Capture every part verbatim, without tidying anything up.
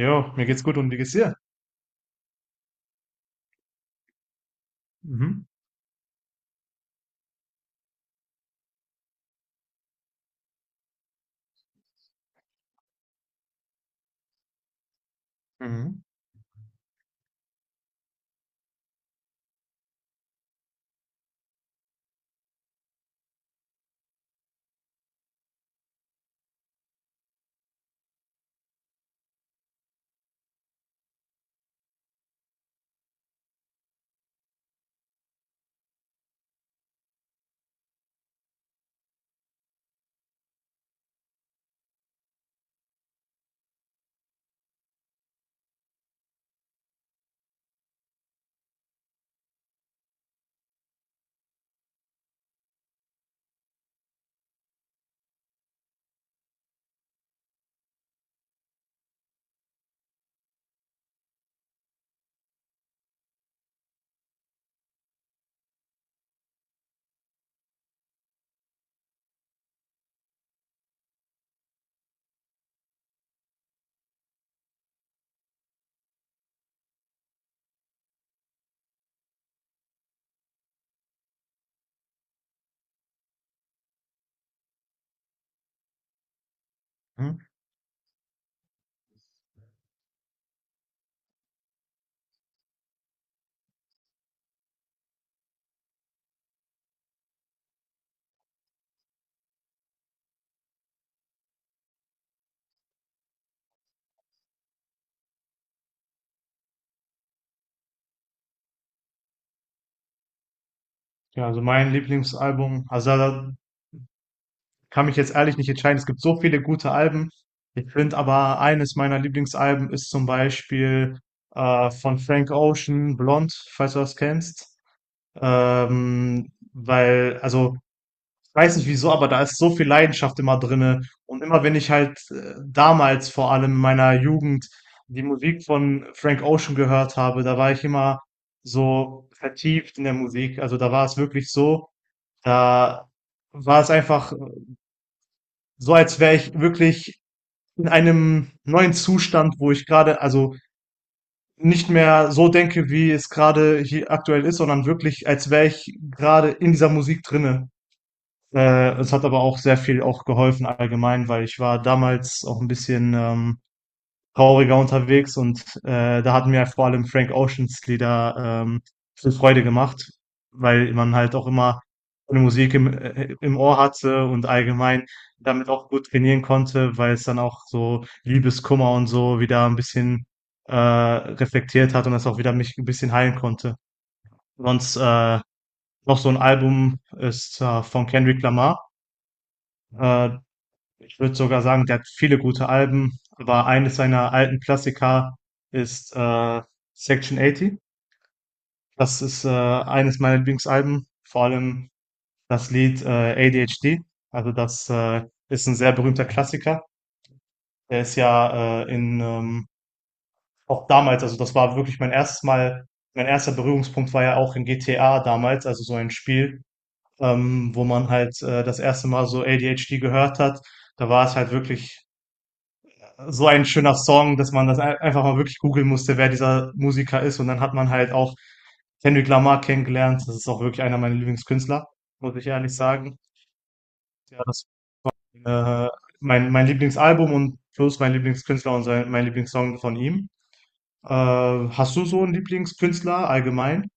Jo, mir geht's gut und wie geht's dir? Mhm. Mhm. Mhm. Ja, also mein Lieblingsalbum, also da da kann mich jetzt ehrlich nicht entscheiden. Es gibt so viele gute Alben. Ich finde aber eines meiner Lieblingsalben ist zum Beispiel äh, von Frank Ocean, Blond, falls du das kennst. Ähm, weil, also ich weiß nicht wieso, aber da ist so viel Leidenschaft immer drinne. Und immer wenn ich halt äh, damals vor allem in meiner Jugend die Musik von Frank Ocean gehört habe, da war ich immer so vertieft in der Musik. Also da war es wirklich so, da war es einfach so, als wäre ich wirklich in einem neuen Zustand, wo ich gerade, also nicht mehr so denke, wie es gerade hier aktuell ist, sondern wirklich, als wäre ich gerade in dieser Musik drinne. Äh, es hat aber auch sehr viel auch geholfen allgemein, weil ich war damals auch ein bisschen, ähm, trauriger unterwegs und, äh, da hat mir vor allem Frank Oceans Lieder, ähm, viel Freude gemacht, weil man halt auch immer eine Musik im äh, im Ohr hatte und allgemein damit auch gut trainieren konnte, weil es dann auch so Liebeskummer und so wieder ein bisschen, äh, reflektiert hat und das auch wieder mich ein bisschen heilen konnte. Sonst, äh, noch so ein Album ist, äh, von Kendrick Lamar. Äh Ich würde sogar sagen, der hat viele gute Alben, aber eines seiner alten Klassiker ist äh, Section achtzig. Das ist äh, eines meiner Lieblingsalben, vor allem das Lied äh, A D H D. Also das äh, ist ein sehr berühmter Klassiker. Der ist ja äh, in ähm, auch damals, also das war wirklich mein erstes Mal, mein erster Berührungspunkt war ja auch in G T A damals, also so ein Spiel, ähm, wo man halt äh, das erste Mal so A D H D gehört hat. Da war es halt wirklich so ein schöner Song, dass man das ein- einfach mal wirklich googeln musste, wer dieser Musiker ist. Und dann hat man halt auch Kendrick Lamar kennengelernt. Das ist auch wirklich einer meiner Lieblingskünstler, muss ich ehrlich sagen. Ja, das äh, mein, mein Lieblingsalbum und plus mein Lieblingskünstler und sein, mein Lieblingssong von ihm. Äh, hast du so einen Lieblingskünstler allgemein?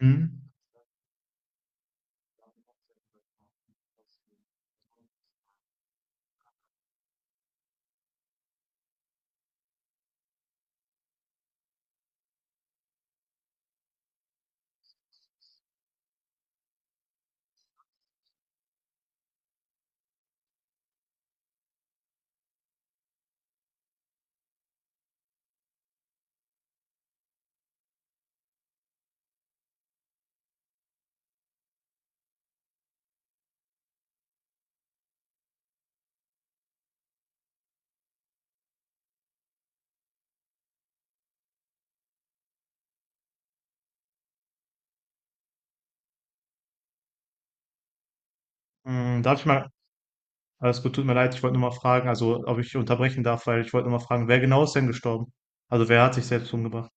Mhm. Mm, darf ich mal, alles gut, tut mir leid, ich wollte nur mal fragen, also ob ich unterbrechen darf, weil ich wollte nur mal fragen, wer genau ist denn gestorben? Also wer hat sich selbst umgebracht?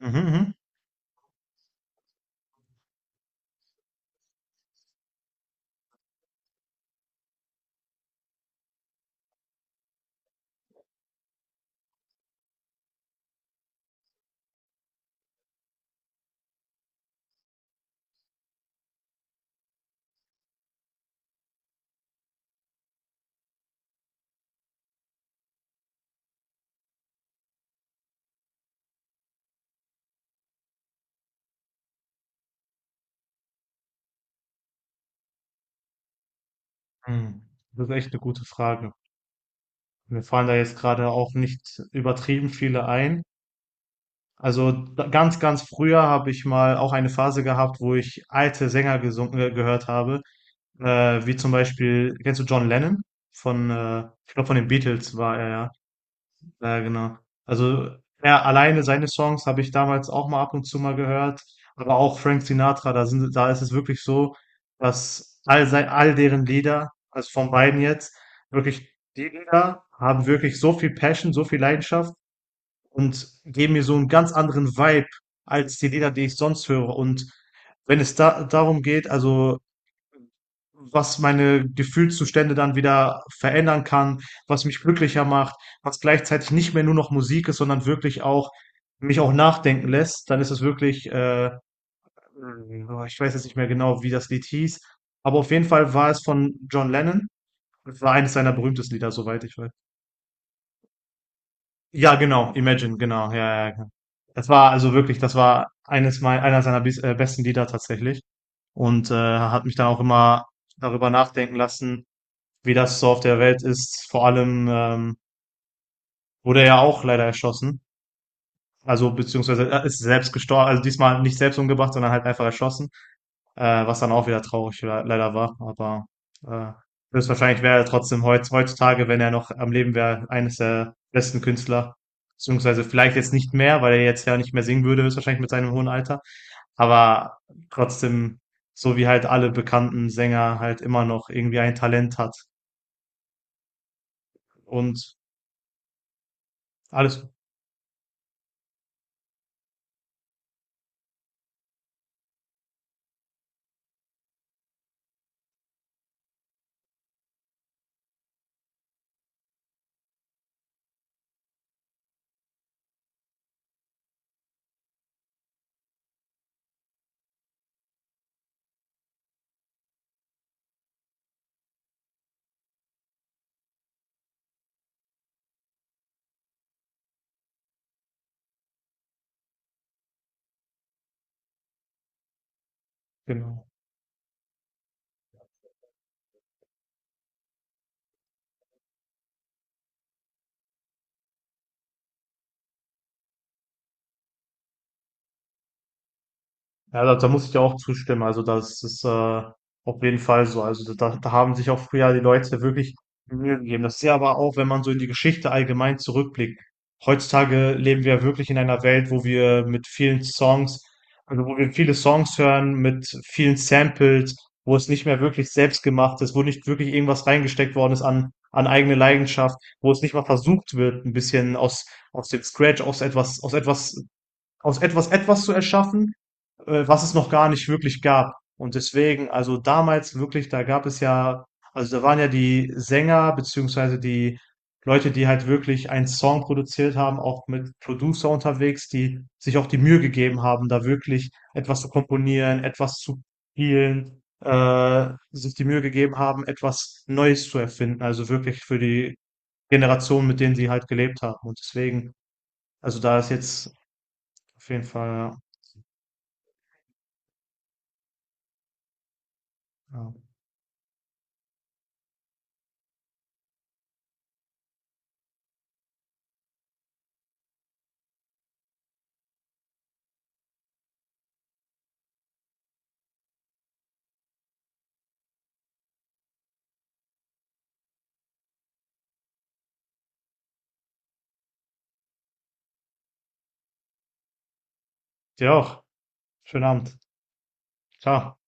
Mhm, mhm. Hm. Das ist echt eine gute Frage. Mir fallen da jetzt gerade auch nicht übertrieben viele ein. Also da- ganz, ganz früher habe ich mal auch eine Phase gehabt, wo ich alte Sänger gesungen, äh, gehört habe, äh, wie zum Beispiel, kennst du John Lennon? Von, äh, ich glaube, von den Beatles war er ja. Ja, genau. Also er alleine seine Songs habe ich damals auch mal ab und zu mal gehört, aber auch Frank Sinatra, da sind, da ist es wirklich so, dass all sein, all deren Lieder, also von beiden jetzt, wirklich die Lieder haben wirklich so viel Passion, so viel Leidenschaft und geben mir so einen ganz anderen Vibe als die Lieder, die ich sonst höre. Und wenn es da darum geht, also was meine Gefühlszustände dann wieder verändern kann, was mich glücklicher macht, was gleichzeitig nicht mehr nur noch Musik ist, sondern wirklich auch mich auch nachdenken lässt, dann ist es wirklich, äh, boah, ich weiß jetzt nicht mehr genau, wie das Lied hieß, aber auf jeden Fall war es von John Lennon. Es war eines seiner berühmtesten Lieder, soweit ich weiß. Ja, genau, Imagine, genau, ja, ja, ja. Das war also wirklich, das war eines mein, einer seiner bis, äh, besten Lieder tatsächlich und äh, hat mich dann auch immer darüber nachdenken lassen, wie das so auf der Welt ist. Vor allem ähm, wurde er ja auch leider erschossen. Also beziehungsweise er ist selbst gestorben. Also diesmal nicht selbst umgebracht, sondern halt einfach erschossen. Äh, was dann auch wieder traurig le- leider war. Aber äh, höchstwahrscheinlich wäre er trotzdem heutz, heutzutage, wenn er noch am Leben wäre, eines der besten Künstler. Beziehungsweise vielleicht jetzt nicht mehr, weil er jetzt ja nicht mehr singen würde, höchstwahrscheinlich mit seinem hohen Alter. Aber trotzdem, so wie halt alle bekannten Sänger halt immer noch irgendwie ein Talent hat. Und alles, genau. Ja, da, da muss ich dir auch zustimmen. Also das ist äh, auf jeden Fall so. Also da, da haben sich auch früher die Leute wirklich Mühe gegeben. Das ist ja aber auch, wenn man so in die Geschichte allgemein zurückblickt. Heutzutage leben wir wirklich in einer Welt, wo wir mit vielen Songs, also wo wir viele Songs hören, mit vielen Samples, wo es nicht mehr wirklich selbst gemacht ist, wo nicht wirklich irgendwas reingesteckt worden ist an, an eigene Leidenschaft, wo es nicht mal versucht wird, ein bisschen aus, aus dem Scratch, aus etwas, aus etwas, aus etwas, etwas zu erschaffen äh, was es noch gar nicht wirklich gab. Und deswegen, also damals wirklich, da gab es ja, also da waren ja die Sänger beziehungsweise die Leute, die halt wirklich einen Song produziert haben, auch mit Producer unterwegs, die sich auch die Mühe gegeben haben, da wirklich etwas zu komponieren, etwas zu spielen, äh, sich die Mühe gegeben haben, etwas Neues zu erfinden. Also wirklich für die Generation, mit denen sie halt gelebt haben. Und deswegen, also da ist jetzt auf jeden Fall, ja. Ja. Dir auch. Schönen Abend. Klar.